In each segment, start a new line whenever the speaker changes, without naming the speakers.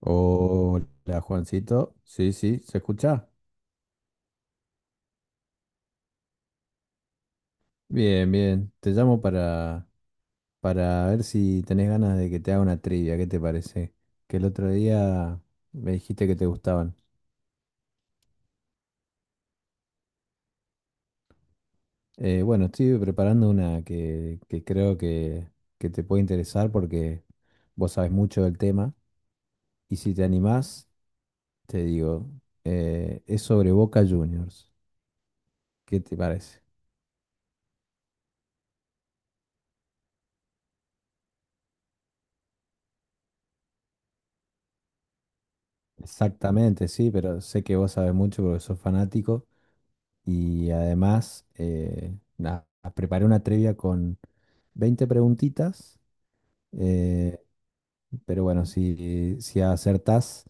Hola, Juancito. Sí, sí, ¿se escucha? Bien, bien. Te llamo para ver si tenés ganas de que te haga una trivia. ¿Qué te parece? Que el otro día me dijiste que te gustaban. Bueno, estoy preparando una que creo que te puede interesar porque vos sabés mucho del tema. Y si te animás, te digo, es sobre Boca Juniors. ¿Qué te parece? Exactamente, sí, pero sé que vos sabés mucho porque sos fanático. Y además, nada, preparé una trivia con 20 preguntitas, eh, pero bueno, si acertás,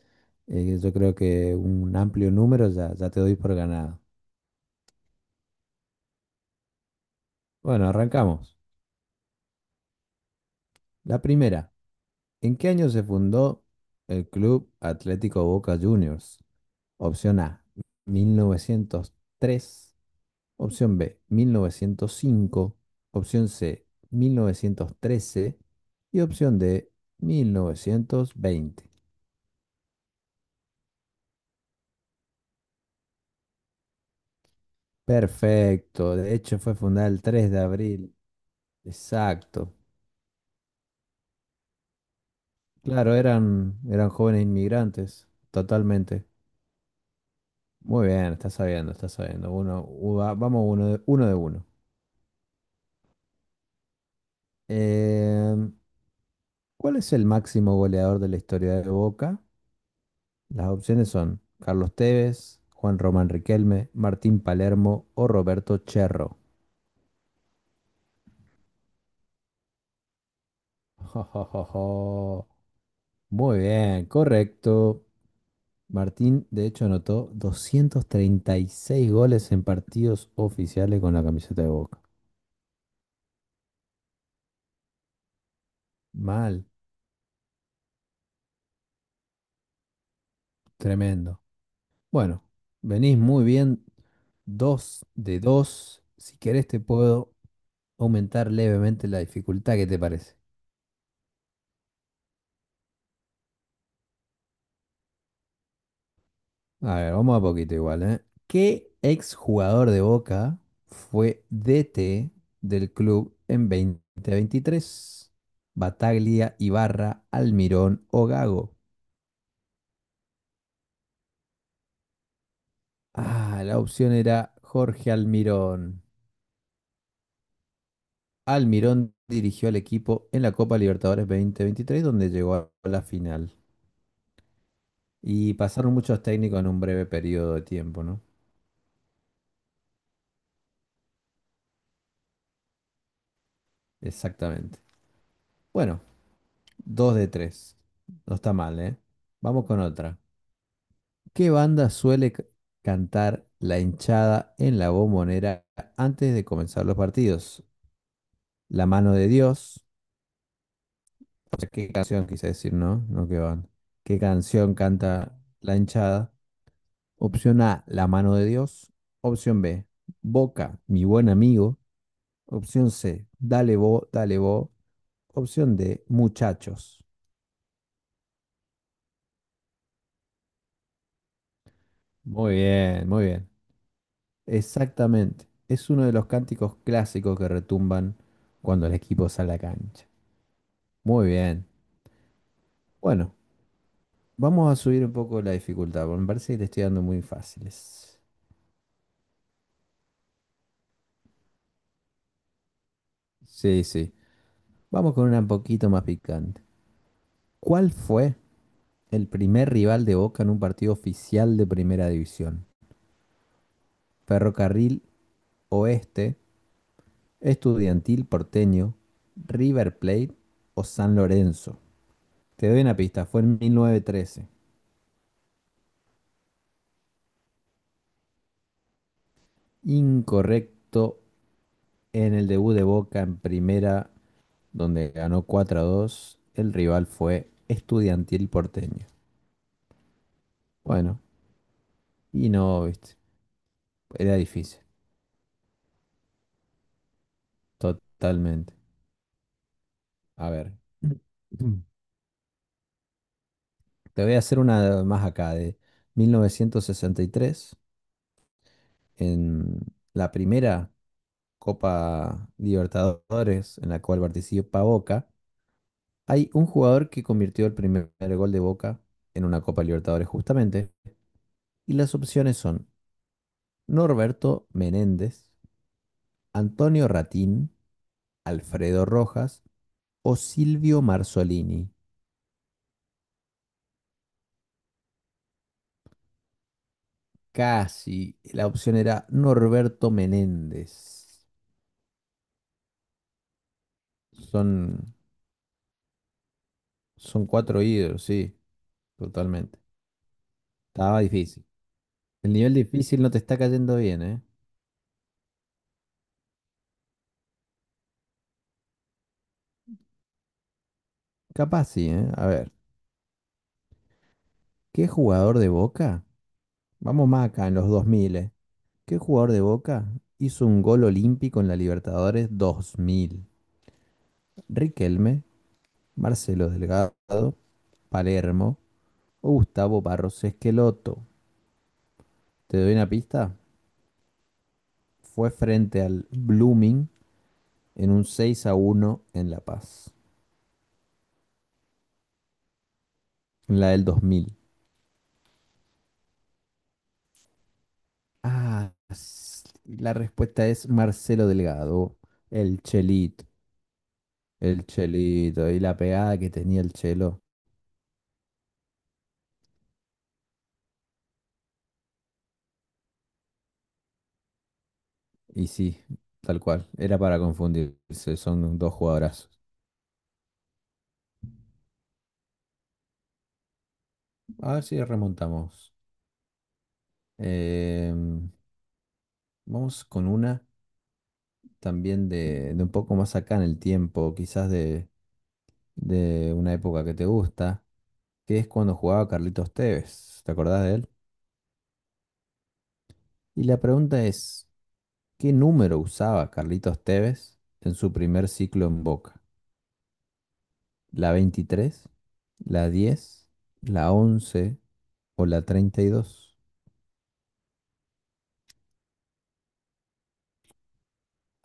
yo creo que un amplio número ya te doy por ganado. Bueno, arrancamos. La primera, ¿en qué año se fundó el Club Atlético Boca Juniors? Opción A, 1903. Opción B, 1905. Opción C, 1913. Y opción D, 1920. Perfecto. De hecho, fue fundada el tres de abril. Exacto. Claro, eran jóvenes inmigrantes. Totalmente. Muy bien, está sabiendo, está sabiendo. Vamos uno de uno. De uno. Em, ¿Cuál es el máximo goleador de la historia de Boca? Las opciones son Carlos Tevez, Juan Román Riquelme, Martín Palermo o Roberto Cherro. Jo, jo, jo, jo. Muy bien, correcto. Martín, de hecho, anotó 236 goles en partidos oficiales con la camiseta de Boca. Mal, tremendo. Bueno, venís muy bien, 2 de 2. Si querés, te puedo aumentar levemente la dificultad. ¿Qué te parece? A ver, vamos a poquito igual, ¿eh? ¿Qué exjugador de Boca fue DT del club en 2023? Bataglia, Ibarra, Almirón o Gago. Ah, la opción era Jorge Almirón. Almirón dirigió al equipo en la Copa Libertadores 2023, donde llegó a la final. Y pasaron muchos técnicos en un breve periodo de tiempo, ¿no? Exactamente. Bueno, 2 de tres. No está mal, ¿eh? Vamos con otra. ¿Qué banda suele c- cantar la hinchada en la bombonera antes de comenzar los partidos? La mano de Dios. O sea, ¿qué canción quise decir, no? No, qué banda. ¿Qué canción canta la hinchada? Opción A, La mano de Dios. Opción B, Boca, mi buen amigo. Opción C, Dale bo, dale bo. Opción D, Muchachos. Muy bien, muy bien. Exactamente. Es uno de los cánticos clásicos que retumban cuando el equipo sale a la cancha. Muy bien. Bueno, vamos a subir un poco la dificultad, porque me parece que le estoy dando muy fáciles. Sí, sí. Vamos con una un poquito más picante. ¿Cuál fue el primer rival de Boca en un partido oficial de Primera División? Ferrocarril Oeste, Estudiantil Porteño, River Plate o San Lorenzo. Te doy una pista, fue en 1913. Incorrecto. En el debut de Boca en Primera, donde ganó 4 a dos, el rival fue Estudiantil Porteño. Bueno, y no, viste, era difícil, totalmente. A ver, te voy a hacer una más acá, de 1963, en la primera Copa Libertadores en la cual participa Boca. Hay un jugador que convirtió el primer gol de Boca en una Copa Libertadores justamente, y las opciones son Norberto Menéndez, Antonio Ratín, Alfredo Rojas o Silvio Marzolini. Casi. La opción era Norberto Menéndez. Son, son cuatro ídolos, sí, totalmente. Estaba difícil. El nivel difícil no te está cayendo bien, ¿eh? Capaz sí, ¿eh? A ver, ¿qué jugador de Boca? Vamos más acá, en los 2000, ¿eh? ¿Qué jugador de Boca hizo un gol olímpico en la Libertadores 2000? Riquelme, Marcelo Delgado, Palermo o Gustavo Barros Esqueloto. Te doy una pista. Fue frente al Blooming en un 6 a uno en La Paz, en la del 2000. La respuesta es Marcelo Delgado, el Chelito, el Chelito y la pegada que tenía el Chelo. Y sí, tal cual, era para confundirse, son dos jugadorazos. A ver si remontamos. Em, vamos con una también de un poco más acá en el tiempo, quizás de una época que te gusta, que es cuando jugaba Carlitos Tevez. ¿Te acordás de él? Y la pregunta es, ¿qué número usaba Carlitos Tevez en su primer ciclo en Boca? ¿La 23, ¿la 10, ¿la 11 o la 32?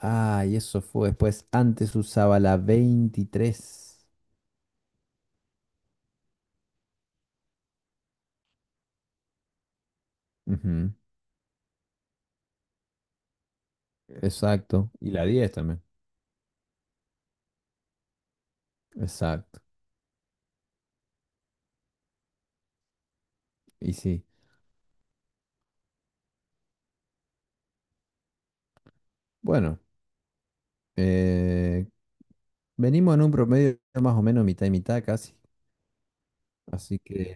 Ah, y eso fue después. Antes usaba la 23. Ujú. Exacto. Y la 10 también. Exacto. Y sí. Bueno, eh, venimos en un promedio más o menos mitad y mitad casi. Así que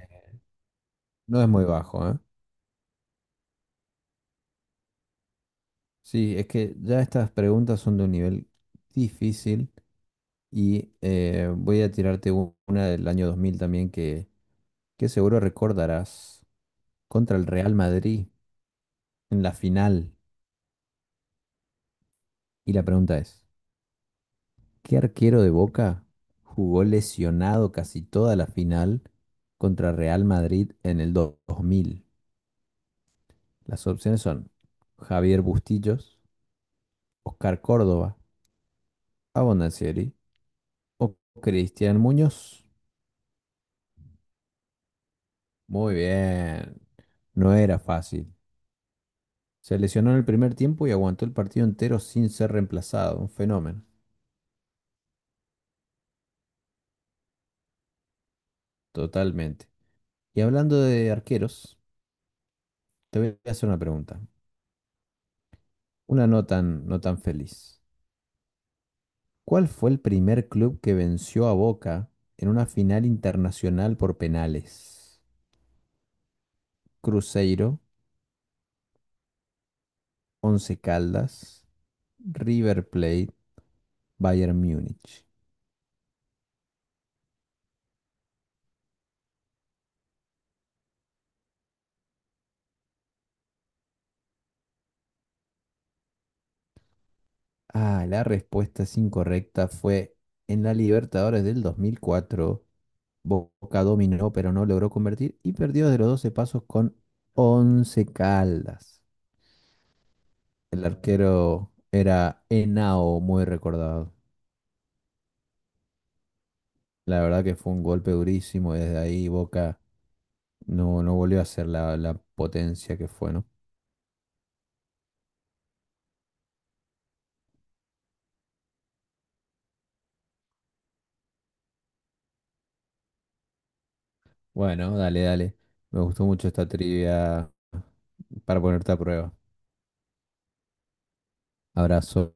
no es muy bajo, ¿eh? Sí, es que ya estas preguntas son de un nivel difícil y voy a tirarte una del año 2000 también que seguro recordarás contra el Real Madrid en la final. Y la pregunta es, ¿qué arquero de Boca jugó lesionado casi toda la final contra Real Madrid en el dos mil? Las opciones son Javier Bustillos, Oscar Córdoba, Abondanzieri o Cristian Muñoz. Muy bien. No era fácil. Se lesionó en el primer tiempo y aguantó el partido entero sin ser reemplazado. Un fenómeno. Totalmente. Y hablando de arqueros, te voy a hacer una pregunta. Una no tan feliz. ¿Cuál fue el primer club que venció a Boca en una final internacional por penales? Cruzeiro, Once Caldas, River Plate, Bayern Múnich. Ah, la respuesta es incorrecta. Fue en la Libertadores del 2004. Boca dominó, pero no logró convertir y perdió de los 12 pasos con Once Caldas. El arquero era Henao, muy recordado. La verdad que fue un golpe durísimo. Desde ahí Boca no volvió a ser la potencia que fue, ¿no? Bueno, dale, dale. Me gustó mucho esta trivia para ponerte a prueba. Abrazo.